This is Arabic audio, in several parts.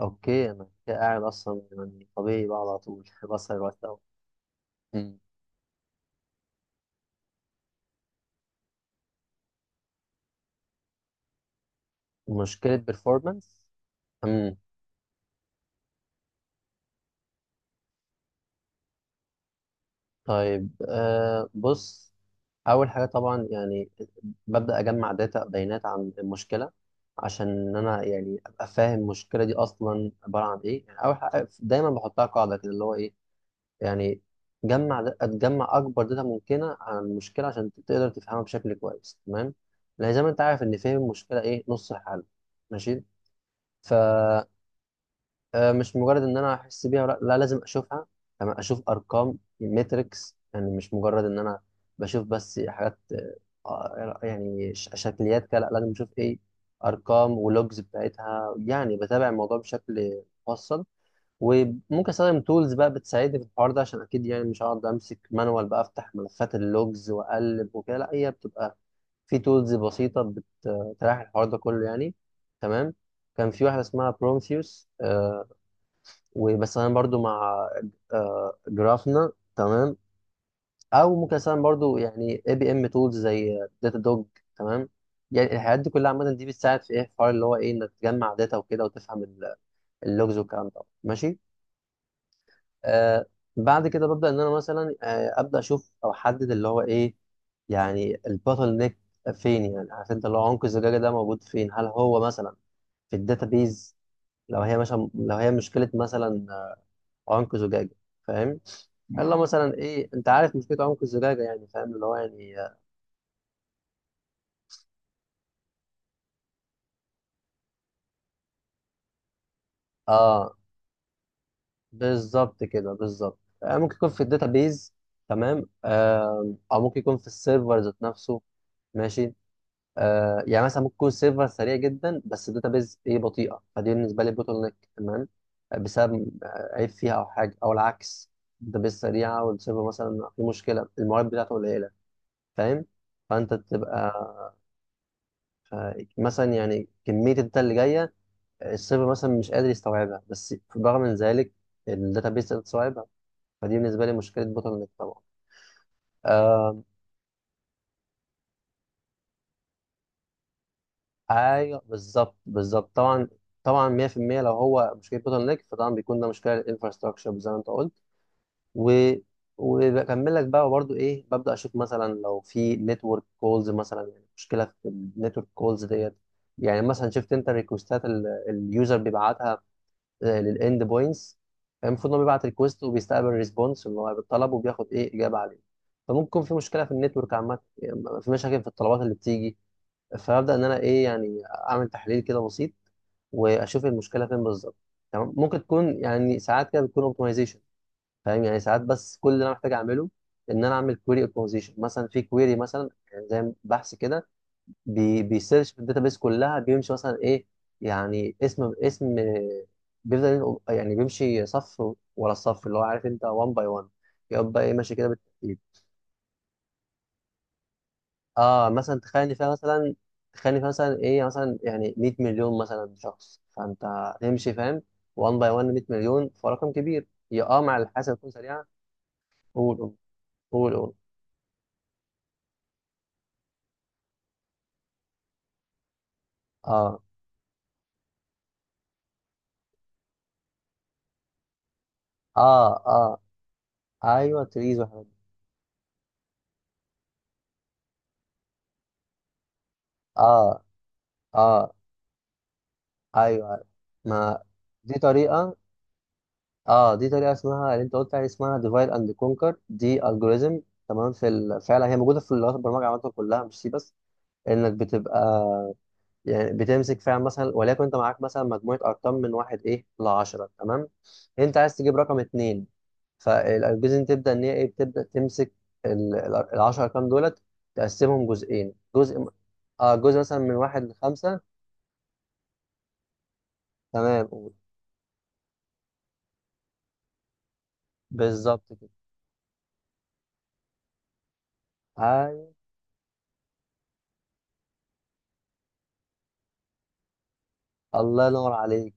اوكي، انا كده قاعد اصلا يعني طبيعي بقى على طول بسهر الوقت أوي. مم. مشكلة performance. امم. طيب، آه بص، أول حاجة طبعا يعني ببدأ أجمع داتا بيانات عن المشكلة عشان إن أنا يعني أبقى فاهم المشكلة دي أصلا عبارة عن إيه. يعني أول حاجة دايما بحطها قاعدة كده اللي هو إيه يعني تجمع أكبر داتا ممكنة عن المشكلة عشان تقدر تفهمها بشكل كويس. تمام، لأن زي ما أنت عارف إن فهم المشكلة إيه نص الحل. ماشي، ف مش مجرد ان انا احس بيها ولا لا، لازم اشوفها. تمام، اشوف ارقام ماتريكس، يعني مش مجرد ان انا بشوف بس حاجات يعني شكليات كده. لا، لازم اشوف ايه، ارقام ولوجز بتاعتها. يعني بتابع الموضوع بشكل مفصل. وممكن استخدم تولز بقى بتساعدني في الحوار ده، عشان اكيد يعني مش هقعد امسك مانوال بقى افتح ملفات اللوجز واقلب وكده. لا، هي بتبقى في تولز بسيطة بتريح الحوار ده كله يعني. تمام، كان في واحدة اسمها برومثيوس وبس، أنا برضو مع جرافنا. تمام، أو ممكن أستخدم برضو يعني اي بي ام تولز زي داتا دوج. تمام، يعني الحاجات دي كلها عامة، دي بتساعد في إيه الحوار اللي هو إيه، إنك تجمع داتا وكده وتفهم اللوجز والكلام ده. ماشي آه، بعد كده ببدأ إن أنا مثلا أبدأ أشوف أو أحدد اللي هو إيه يعني الباتل نيك فين. يعني عارف أنت اللي هو عنق الزجاجة ده موجود فين، هل هو مثلا في الداتابيز؟ لو هي مثلا، لو هي مشكلة مثلا عنق زجاجة، فاهم؟ هل لو مثلا إيه، أنت عارف مشكلة عنق الزجاجة يعني؟ فاهم اللي هو يعني آه. آه، بالظبط كده، بالظبط. آه، ممكن يكون في الداتابيز، تمام. آه، أو ممكن يكون في السيرفر ذات نفسه. ماشي، آه يعني مثلا ممكن يكون السيرفر سريع جدا بس الداتابيز ايه بطيئه، فدي بالنسبه لي بوتل نيك. تمام، بسبب عيب فيها او حاجه، او العكس، الداتابيز سريعه والسيرفر مثلا في مشكله، الموارد بتاعته قليله. فاهم؟ فانت تبقى مثلا يعني كميه الداتا اللي جايه، السيرفر مثلا مش قادر يستوعبها، بس برغم من ذلك الداتابيز تقدر تستوعبها، فدي بالنسبه لي مشكله بوتل نيك طبعا. آه، ايوه بالظبط بالظبط طبعا. طبعا 100% لو هو مشكله بوتل نيك فطبعا بيكون ده مشكله الانفراستراكشر زي ما انت قلت. و وبكمل لك بقى برضو ايه، ببدا اشوف مثلا لو في نتورك كولز مثلا، يعني مشكله في النتورك كولز ديت. يعني مثلا شفت انت الريكوستات اليوزر بيبعتها للاند بوينتس، المفروض انه بيبعت ريكوست وبيستقبل ريسبونس اللي هو بالطلب وبياخد ايه اجابه عليه. فممكن في مشكله في النتورك عامه، يعني في مشاكل في الطلبات اللي بتيجي. فهبدأ إن أنا إيه، يعني أعمل تحليل كده بسيط وأشوف المشكلة فين بالظبط. تمام، ممكن تكون يعني ساعات كده بتكون أوبتمايزيشن، فاهم؟ يعني ساعات بس كل اللي أنا محتاج أعمله إن أنا أعمل كويري أوبتمايزيشن مثلا، في كويري مثلا يعني زي بحث كده، بي بيسيرش في الداتابيس كلها بيمشي مثلا إيه، يعني اسم بيفضل يعني بيمشي صف ورا الصف، اللي هو عارف أنت 1 باي 1، يبقى إيه ماشي كده بالترتيب. اه مثلا، تخيل ان فيها مثلا ايه يعني مثلا يعني 100 مليون مثلا شخص، فانت تمشي، فاهم، 1 باي 1 100 مليون، فرقم كبير هي، اه مع الحسبه تكون سريعه. قول قول. اه اه اه ايوه تريز وحاجات دي. اه اه ايوه ايوه، ما دي طريقه، اه دي طريقه، اسمها اللي انت قلت عليها اسمها ديفايد اند كونكر، دي الجوريزم. تمام، في ال... فعلا هي موجوده في لغات البرمجه عامه كلها مش سي بس، انك بتبقى يعني بتمسك فعلا مثلا وليكن انت معاك مثلا مجموعه ارقام من واحد ايه ل 10. تمام، انت عايز تجيب رقم اتنين، فالجزء تبدا ان هي ايه بتبدا تمسك ال 10 ارقام دولت، تقسمهم جزئين، اه جزء مثلا من واحد لخمسه. تمام، بالظبط كده. اي، الله ينور عليك،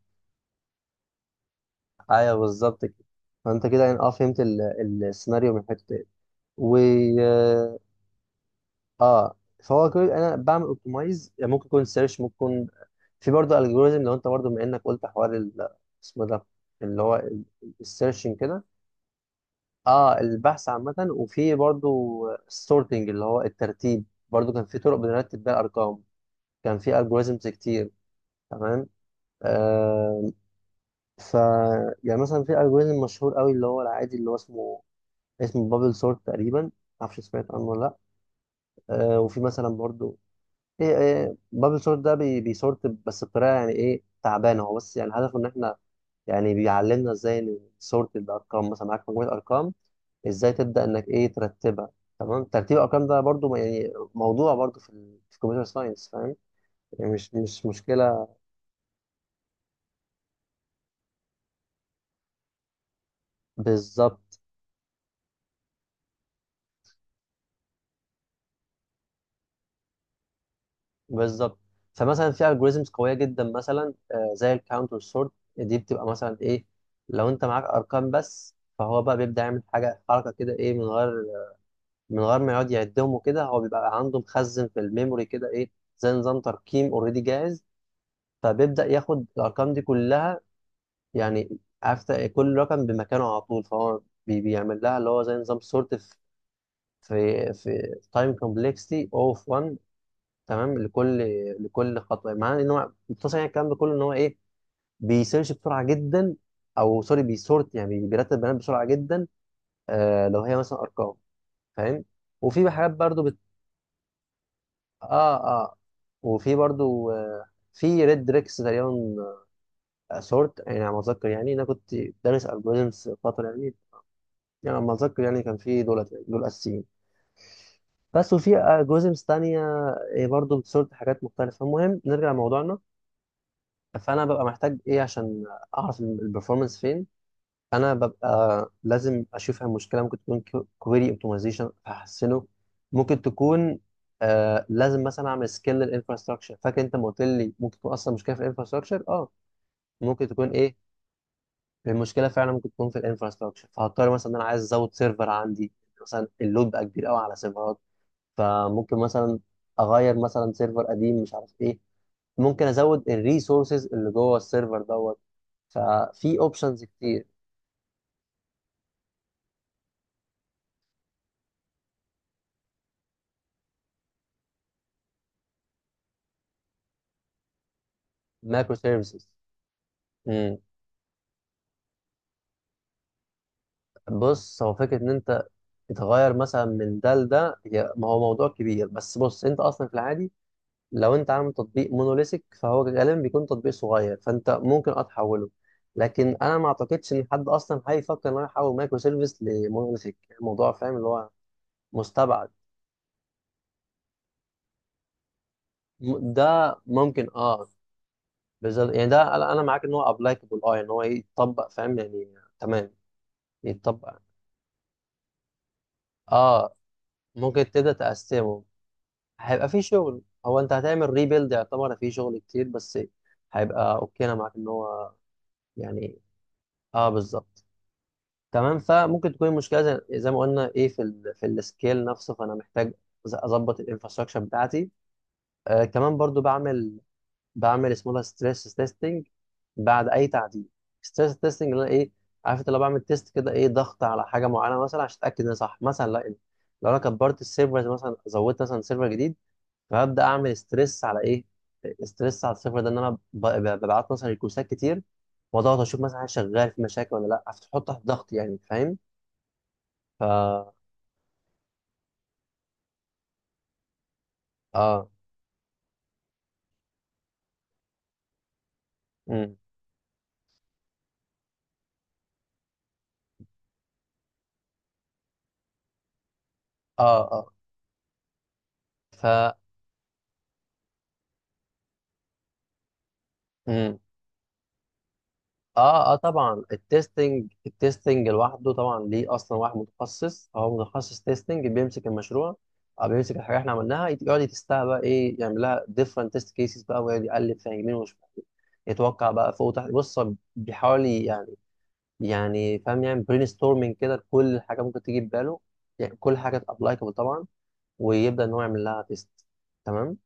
ايوه بالظبط كده. فانت كده يعني اه فهمت السيناريو من حته ايه. اه، فهو كل انا بعمل اوبتمايز يعني ممكن يكون سيرش، ممكن يكون في برضه الجوريزم. لو انت برضه بما انك قلت حوار اسمه ده، اللي هو السيرشنج كده، اه البحث عامة. وفي برضه السورتنج اللي هو الترتيب، برضه كان في طرق بنرتب بيها الارقام، كان في الجوريزمز كتير. تمام آه، ف يعني مثلا في الجوريزم مشهور قوي اللي هو العادي، اللي هو اسمه، اسمه بابل سورت تقريبا، معرفش سمعت عنه ولا لا. آه، وفي مثلا برضه ايه، ايه بابل سورت ده، بي بيسورت بس بطريقه يعني ايه تعبانه، هو بس يعني هدفه ان احنا يعني بيعلمنا ازاي نسورت الارقام. مثلا معاك مجموعه ارقام، ازاي تبدا انك ايه ترتبها. تمام، ترتيب الارقام ده برضو يعني موضوع برضو في في الكمبيوتر ساينس، فاهم يعني مش مشكله. بالظبط بالظبط، فمثلا في الجوريزمز قويه جدا مثلا زي الكاونت والسورت. دي بتبقى مثلا ايه، لو انت معاك ارقام بس، فهو بقى بيبدا يعمل حاجه حركه كده ايه، من غير ما يقعد يعدهم وكده، هو بيبقى عنده مخزن في الميموري كده ايه، زي نظام ترقيم اوريدي جاهز. فبيبدأ ياخد الارقام دي كلها، يعني عارف كل رقم بمكانه على طول، فهو بيعمل لها اللي هو زي نظام سورت في في تايم كومبلكسيتي اوف 1. تمام لكل، لكل خطوه معناه ان هو مختصر، يعني الكلام ده كله ان هو ايه بيسيرش بسرعه جدا، او سوري بيسورت يعني بيرتب بيانات بسرعه جدا، آه لو هي مثلا ارقام، فاهم. وفي حاجات برضو. اه اه وفي برضو آه، في ريد ريكس تقريبا سورت، يعني على ما اتذكر يعني انا كنت دارس الجوريزمز فتره يعني، يعني على ما اتذكر يعني كان في دولت يعني دول اساسيين بس، وفي الجوريزمز تانية آه، برضو بتسورت حاجات مختلفه. المهم نرجع لموضوعنا، فانا ببقى محتاج ايه عشان اعرف البرفورمانس فين. انا ببقى لازم اشوفها مشكله، ممكن تكون كويري اوبتمايزيشن احسنه، ممكن تكون آه لازم مثلا اعمل سكيل للانفراستراكشر، فاكر انت ما قلت لي ممكن تكون اصلا مشكله في الانفراستراكشر اه. ممكن تكون ايه، المشكله فعلا ممكن تكون في الانفراستراكشر، فهضطر مثلا ان انا عايز ازود سيرفر عندي، مثلا اللود بقى كبير قوي على سيرفرات، فممكن مثلا اغير مثلا سيرفر قديم مش عارف ايه، ممكن ازود الريسورسز اللي جوه السيرفر دوت، ففي اوبشنز كتير. مايكرو سيرفيسز، بص هو فكرة إن أنت تتغير مثلا من ده لده هي، ما هو موضوع كبير بس بص، أنت أصلا في العادي لو أنت عامل تطبيق مونوليثيك فهو غالبا بيكون تطبيق صغير، فأنت ممكن أه تحوله. لكن أنا ما أعتقدش إن حد أصلا هيفكر إن هو يحول مايكرو سيرفيس لمونوليثيك، الموضوع فاهم اللي هو مستبعد. ده ممكن أه، بالظبط يعني ده، أنا أنا معاك إن هو أبلايكابل أه، يعني هو يتطبق فاهم يعني. تمام، يتطبق أه، ممكن تبدأ تقسمه، هيبقى في شغل، هو انت هتعمل ريبيلد، يعتبر في شغل كتير بس هيبقى اوكي، انا معاك ان هو يعني اه بالظبط. تمام، فممكن تكون المشكله زي، زي ما قلنا ايه في ال في السكيل نفسه، فانا محتاج اظبط الانفراستراكشر بتاعتي. آه كمان برضو بعمل، بعمل اسمه ده ستريس تيستنج بعد اي تعديل. ستريس تيستنج اللي انا ايه، عارف انت لو بعمل تيست كده ايه ضغط على حاجه معينه مثلا عشان اتاكد ان هي صح مثلا. لا، لو انا كبرت السيرفرز مثلا، زودت مثلا سيرفر جديد، فهبدا اعمل ستريس على ايه، ستريس على الصفر ده، ان انا ببعت مثلا ريكوستات كتير واضغط، اشوف مثلا حاجه شغال في مشاكل ولا لا، فتحط تحت ضغط يعني فاهم. ف اه. امم. اه اه ف امم. اه طبعا التستنج لوحده طبعا ليه اصلا واحد متخصص، هو متخصص تستنج بيمسك المشروع او بيمسك الحاجه احنا عملناها يقعد يتستها بقى ايه، يعمل لها different test cases بقى ويقعد يقلب فيها يمين وشمال، يتوقع بقى فوق وتحت. بص هو بيحاول يعني، يعني فاهم يعني برين ستورمنج كده لكل حاجه ممكن تيجي في باله، يعني كل حاجه ابلايكابل طبعا، ويبدا ان هو يعمل لها تيست. تمام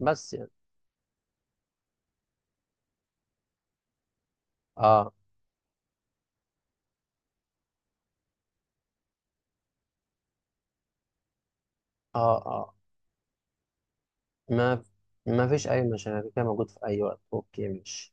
بس يعني. اه اه اه ما ما فيش اي مشاكل، كده موجود في اي وقت، اوكي ماشي.